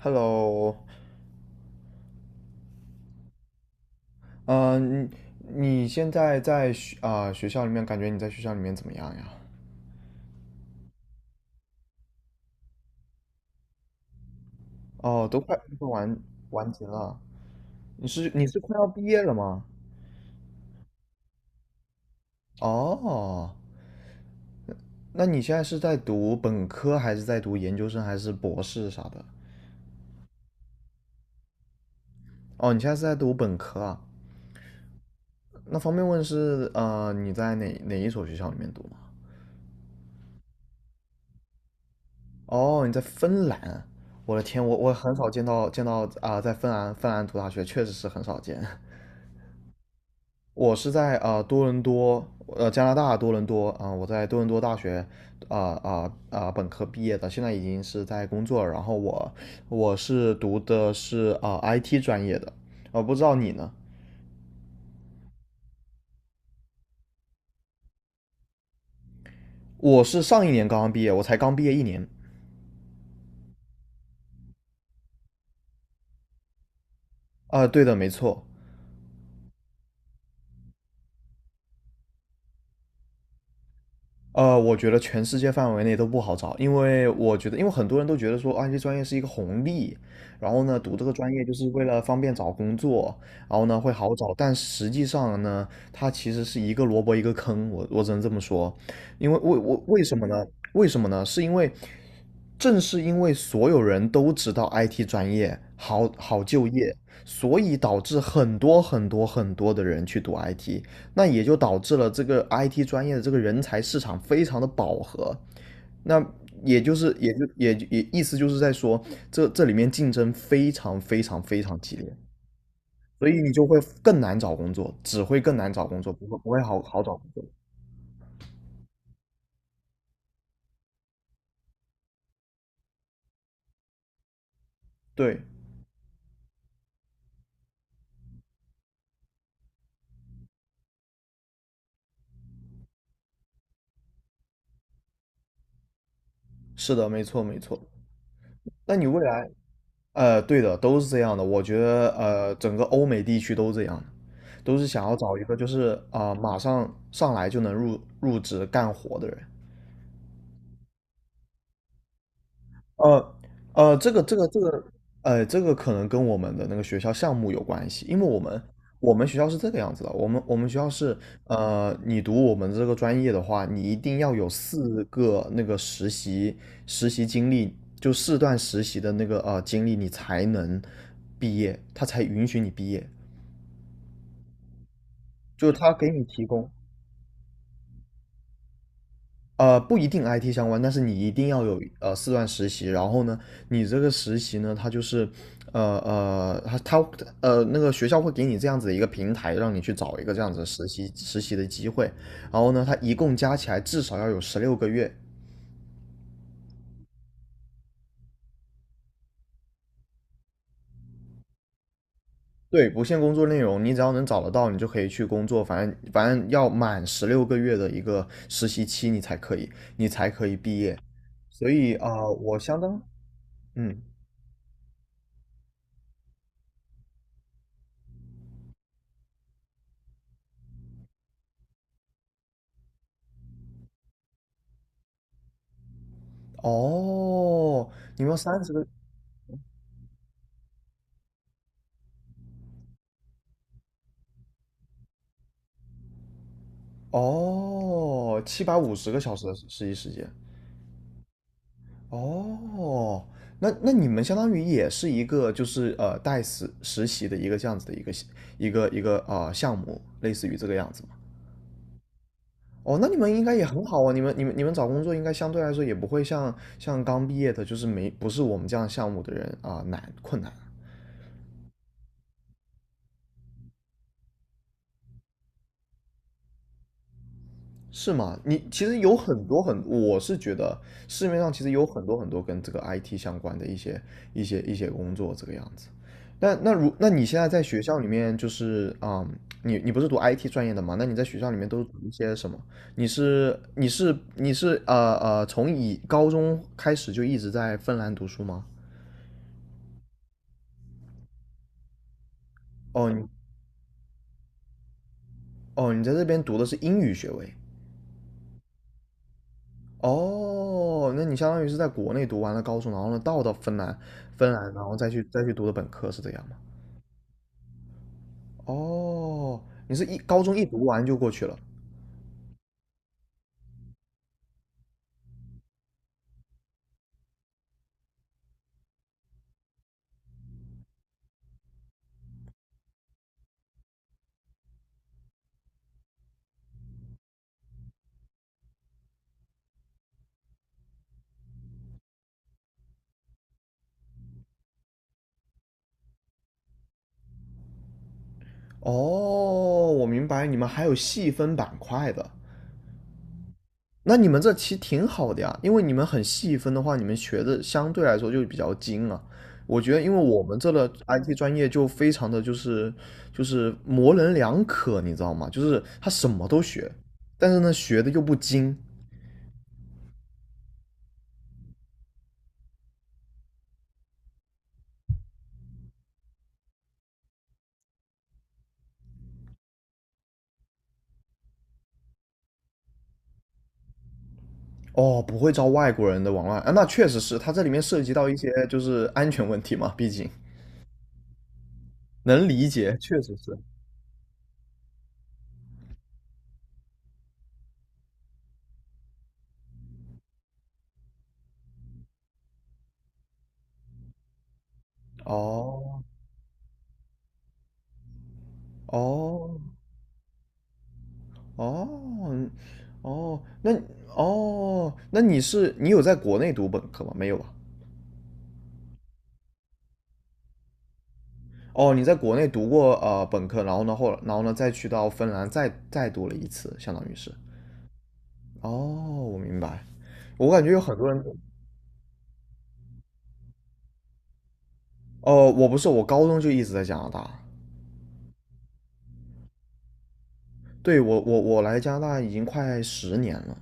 Hello，嗯、你现在在学学校里面，感觉你在学校里面怎么样呀？哦，都快完结了，你是快要毕业了吗？哦，那你现在是在读本科，还是在读研究生，还是博士啥的？哦，你现在是在读本科啊？那方便问是你在哪一所学校里面读吗？哦，你在芬兰，我的天，我很少见到在芬兰读大学，确实是很少见。我是在多伦多，加拿大多伦多我在多伦多大学本科毕业的，现在已经是在工作了。我是读的是IT 专业的，不知道你呢？我是上一年刚刚毕业，我才刚毕业一年。对的，没错。我觉得全世界范围内都不好找，因为我觉得，因为很多人都觉得说 IT 专业是一个红利，然后呢，读这个专业就是为了方便找工作，然后呢会好找，但实际上呢，它其实是一个萝卜一个坑，我只能这么说，因为为我为什么呢？为什么呢？是因为正是因为所有人都知道 IT 专业好就业，所以导致很多的人去读 IT,那也就导致了这个 IT 专业的这个人才市场非常的饱和。那也就是也就也也意思就是在说，这里面竞争非常激烈，所以你就会更难找工作，只会更难找工作，不会好找工作。对，是的，没错。那你未来，对的，都是这样的。我觉得，整个欧美地区都这样，都是想要找一个就是马上上来就能入职干活的人。呃呃这个，这个可能跟我们的那个学校项目有关系，因为我们我们学校是这个样子的，我们学校是，你读我们这个专业的话，你一定要有四个那个实习经历，就四段实习的那个经历，你才能毕业，他才允许你毕业，就是他给你提供。不一定 IT 相关，但是你一定要有四段实习。然后呢，你这个实习呢，它就是呃呃，他他呃那个学校会给你这样子的一个平台，让你去找一个这样子的实习的机会。然后呢，它一共加起来至少要有十六个月。对，不限工作内容，你只要能找得到，你就可以去工作。反正要满十六个月的一个实习期，你才可以，你才可以毕业。所以我相当嗯，哦，你们30个，哦，750个小时的实习时间。哦，那你们相当于也是一个就是带实习的一个这样子的一个项目，类似于这个样子嘛？哦，那你们应该也很好啊，你们找工作应该相对来说也不会像刚毕业的，就是没不是我们这样项目的人困难。是吗？你其实有很多很，我是觉得市面上其实有很多很多跟这个 IT 相关的一些工作这个样子。那你现在在学校里面就是你你不是读 IT 专业的嘛？那你在学校里面都是读一些什么？你是从以高中开始就一直在芬兰读书吗？哦，你哦，你在这边读的是英语学位。哦，那你相当于是在国内读完了高中，然后呢到芬兰，然后再去读的本科是这样吗？哦，你是高中一读完就过去了。哦，我明白，你们还有细分板块的，那你们这其实挺好的呀，因为你们很细分的话，你们学的相对来说就比较精啊。我觉得，因为我们这的 IT 专业就非常的就是模棱两可，你知道吗？就是他什么都学，但是呢学的又不精，哦，不会招外国人的往外啊，那确实是，它这里面涉及到一些就是安全问题嘛，毕竟能理解。确哦哦哦嗯哦，那哦，那你有在国内读本科吗？没有吧？哦，你在国内读过本科，然后然后呢去芬兰再读了一次，相当于是。哦，我明白。我感觉有很多人，哦，我不是，我高中就一直在加拿大。对，我来加拿大已经快10年了。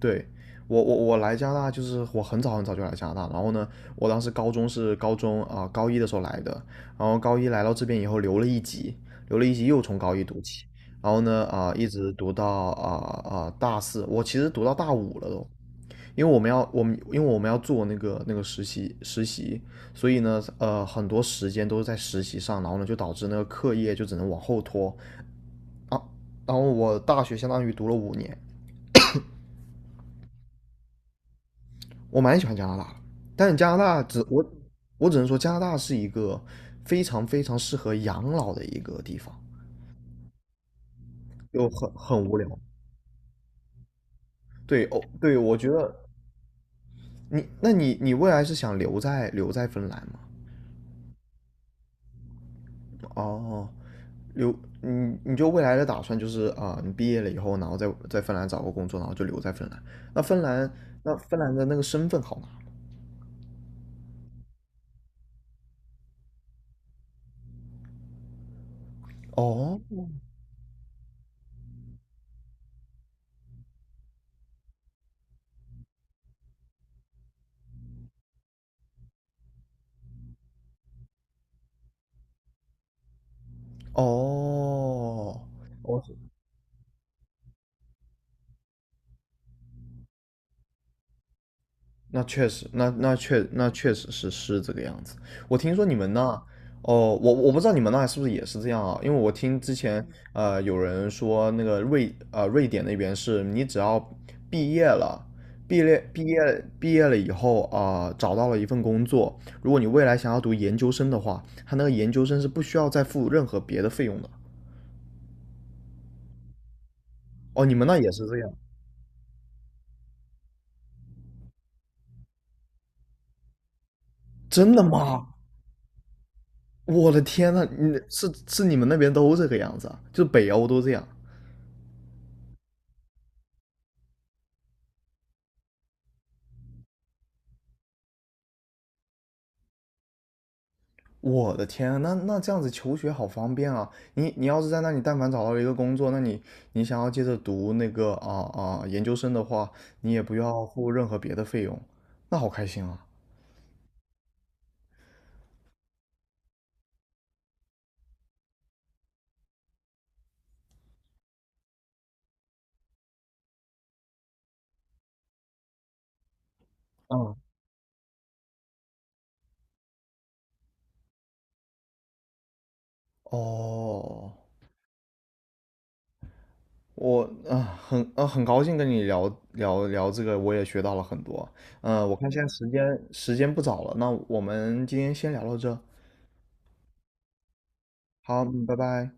对，我来加拿大就是我很早就来加拿大，然后呢，我当时高中是高中啊、呃高一的时候来的，然后高一来到这边以后留了一级，留了一级又从高一读起，然后呢一直读到大四，我其实读到大五了都，因为我们要做那个实习，所以呢很多时间都是在实习上，然后呢就导致那个课业就只能往后拖，啊，然后我大学相当于读了5年，我蛮喜欢加拿大的，但加拿大只我我只能说加拿大是一个非常适合养老的一个地方，就很无聊。对哦，对，我觉得，你你未来是想留在芬兰吗？哦，留你未来的打算就是你毕业了以后，然后在芬兰找个工作，然后就留在芬兰。那芬兰那芬兰的那个身份好吗？哦哦，我那确实，那确实是是这个样子。我听说你们那，哦，我不知道你们那是不是也是这样啊？因为我听之前有人说那个瑞典那边是你只要毕业了，毕业毕业毕业了以后找到了一份工作，如果你未来想要读研究生的话，他那个研究生是不需要再付任何别的费用的。哦，你们那也是这样？真的吗？我的天呐，你是是你们那边都这个样子啊？就北欧都这样。我的天啊，那那这样子求学好方便啊！你你要是在那里，但凡找到了一个工作，那你你想要接着读那个研究生的话，你也不要付任何别的费用，那好开心啊！嗯，哦，我啊很高兴跟你聊这个，我也学到了很多。我看现在时间不早了，那我们今天先聊到这。好，嗯拜拜。